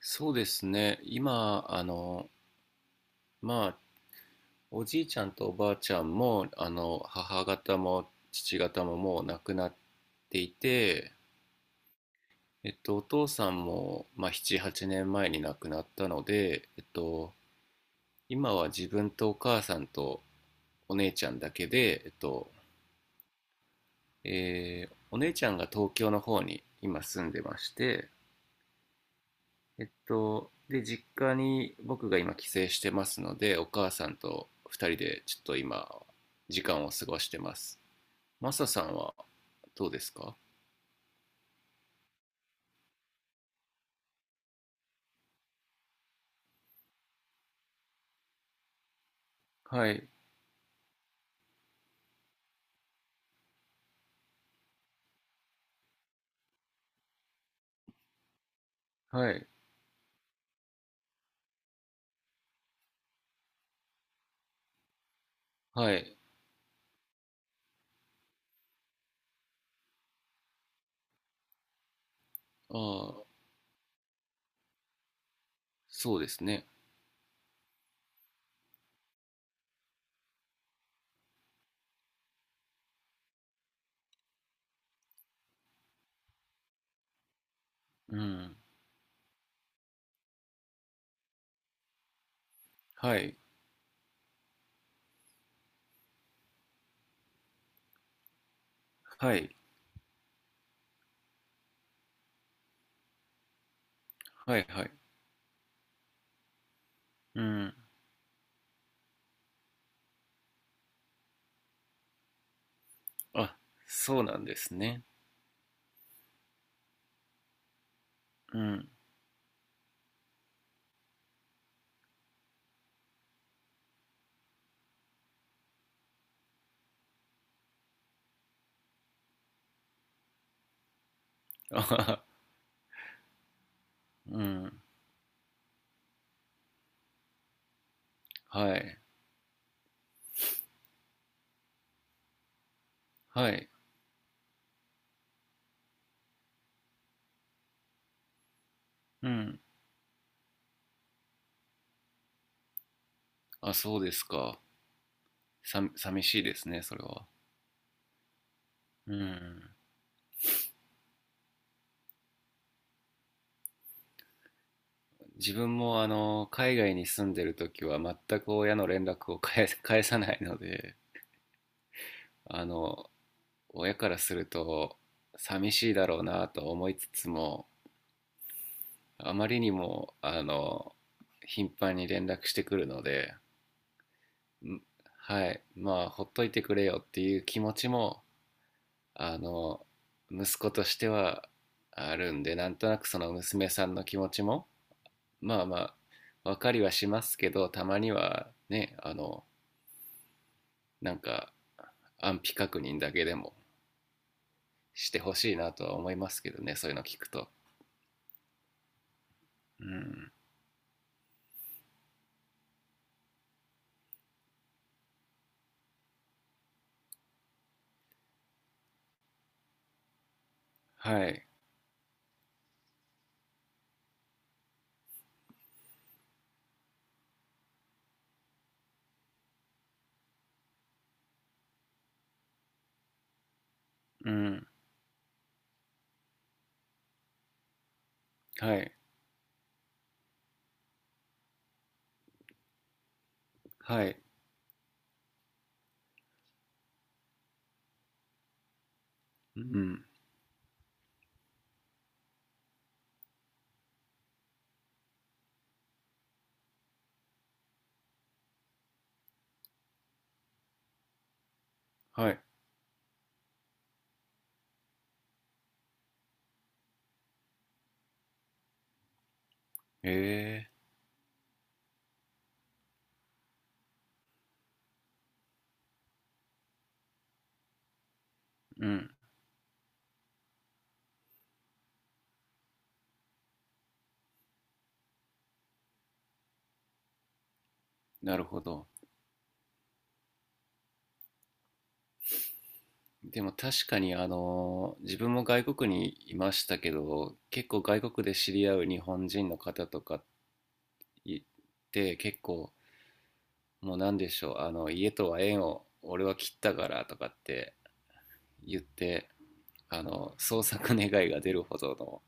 そうですね。今、まあ、おじいちゃんとおばあちゃんも、母方も父方ももう亡くなっていて、お父さんも、まあ、7、8年前に亡くなったので、今は自分とお母さんとお姉ちゃんだけで、お姉ちゃんが東京の方に今住んでまして、で、実家に僕が今帰省してますので、お母さんと二人でちょっと今、時間を過ごしてます。マサさんはどうですか？はい、はい、はい。ああ、そうですね。うん。はい、はい、はい、はい。うん。あ、そうなんですね。うん。あはは。うん。はい、はい。うん。あ、そうですか。寂しいですね、それは。うん。自分も海外に住んでる時は全く親の連絡を返さないので、あの親からすると寂しいだろうなと思いつつも、あまりにも頻繁に連絡してくるので、はい、まあほっといてくれよっていう気持ちもあの息子としてはあるんで、なんとなくその娘さんの気持ちもまあまあ分かりはしますけど、たまにはね、なんか安否確認だけでもしてほしいなとは思いますけどね、そういうの聞くと。うん。はい。うん。はい、はい。うん。はい。へえ。うん。なるほど。でも確かに自分も外国にいましたけど、結構外国で知り合う日本人の方とかいて、結構もう何でしょう、家とは縁を俺は切ったからとかって言って、創作願いが出るほどの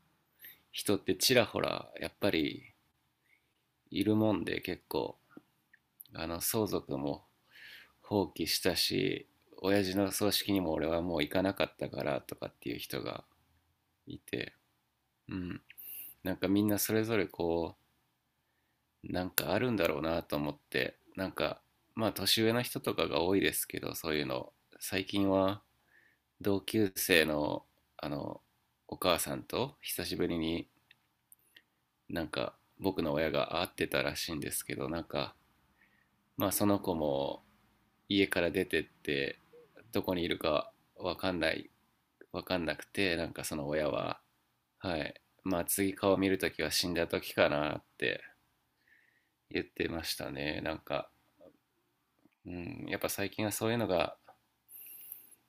人ってちらほらやっぱりいるもんで、結構相続も放棄したし親父の葬式にも俺はもう行かなかったからとかっていう人がいて、うん、なんかみんなそれぞれこうなんかあるんだろうなと思って、なんかまあ年上の人とかが多いですけど、そういうの最近は同級生のあのお母さんと久しぶりになんか僕の親が会ってたらしいんですけど、なんかまあその子も家から出てってどこにいるかわかんないわかんなくて、なんかその親は、はい、まあ次顔見るときは死んだときかなって言ってましたね、なんか、うん、やっぱ最近はそういうのが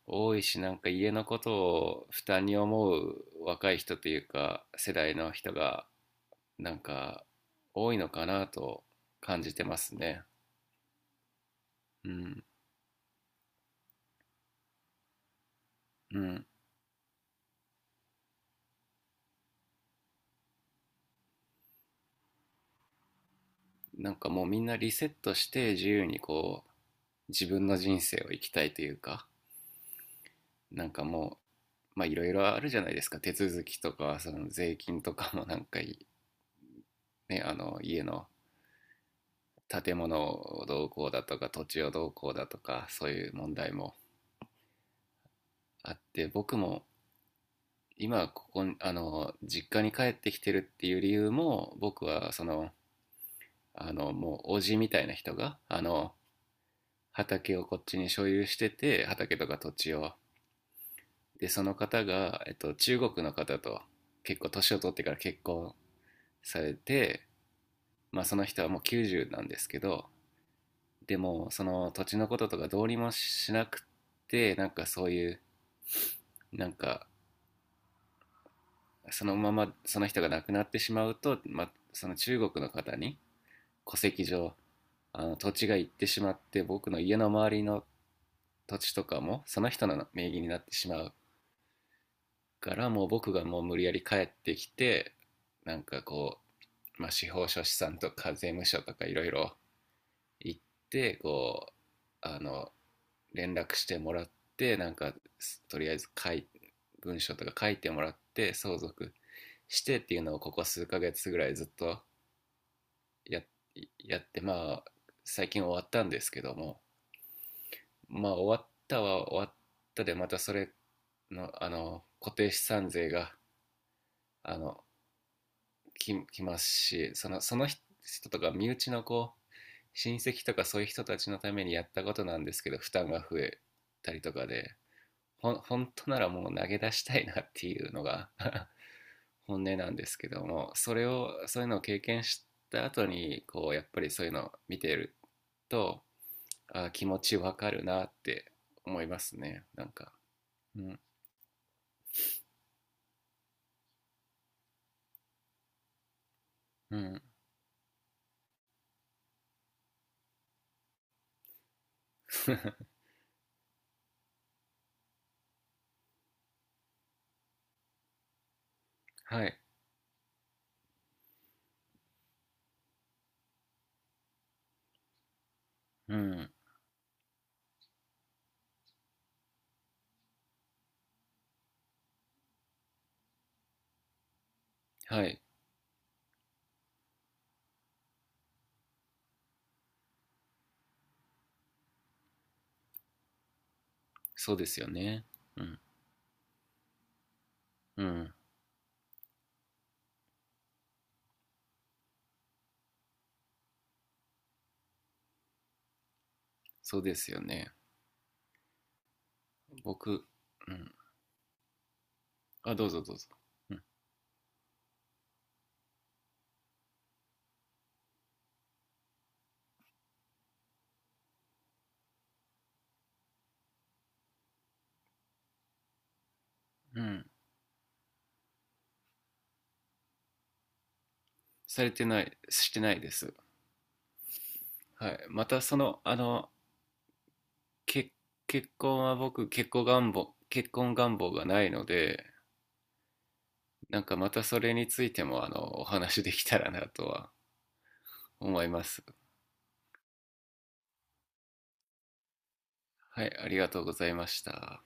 多いし、なんか家のことを負担に思う若い人というか世代の人がなんか多いのかなと感じてますね。うん。うん。なんかもうみんなリセットして自由にこう自分の人生を生きたいというか、なんかもうまあいろいろあるじゃないですか、手続きとかその税金とかもなんかいね、家の建物をどうこうだとか土地をどうこうだとか、そういう問題もあって、僕も今ここに実家に帰ってきてるっていう理由も、僕はそのもうおじみたいな人が畑をこっちに所有してて、畑とか土地を、でその方が、中国の方と結構年を取ってから結婚されて、まあ、その人はもう90なんですけど、でもその土地のこととかどうにもしなくて、なんかそういうなんかそのままその人が亡くなってしまうと、まあ、その中国の方に戸籍上、土地が行ってしまって、僕の家の周りの土地とかもその人の名義になってしまうから、もう僕がもう無理やり帰ってきて、なんかこう、まあ、司法書士さんとか税務署とかいろいろ行って、こうあの連絡してもらって、なんかとりあえず文書とか書いてもらって相続してっていうのを、ここ数ヶ月ぐらいずっとややって、まあ最近終わったんですけども、まあ終わったは終わったで、またそれの固定資産税があのききますし、その人とか身内のこう親戚とかそういう人たちのためにやったことなんですけど、負担が増えたりとかで、本当ならもう投げ出したいなっていうのが 本音なんですけども、それをそういうのを経験した後にこうやっぱりそういうのを見てると、あ、気持ちわかるなって思いますね、なんか、うん。うん。 はい。うん。はい。そうですよね。うん。うん。そうですよね。僕、うん。あ、どうぞどうぞ。うん。うん、されてない、してないです。はい。また、その、結結婚願望がないので、なんかまたそれについても、お話できたらなとは思います。はい、ありがとうございました。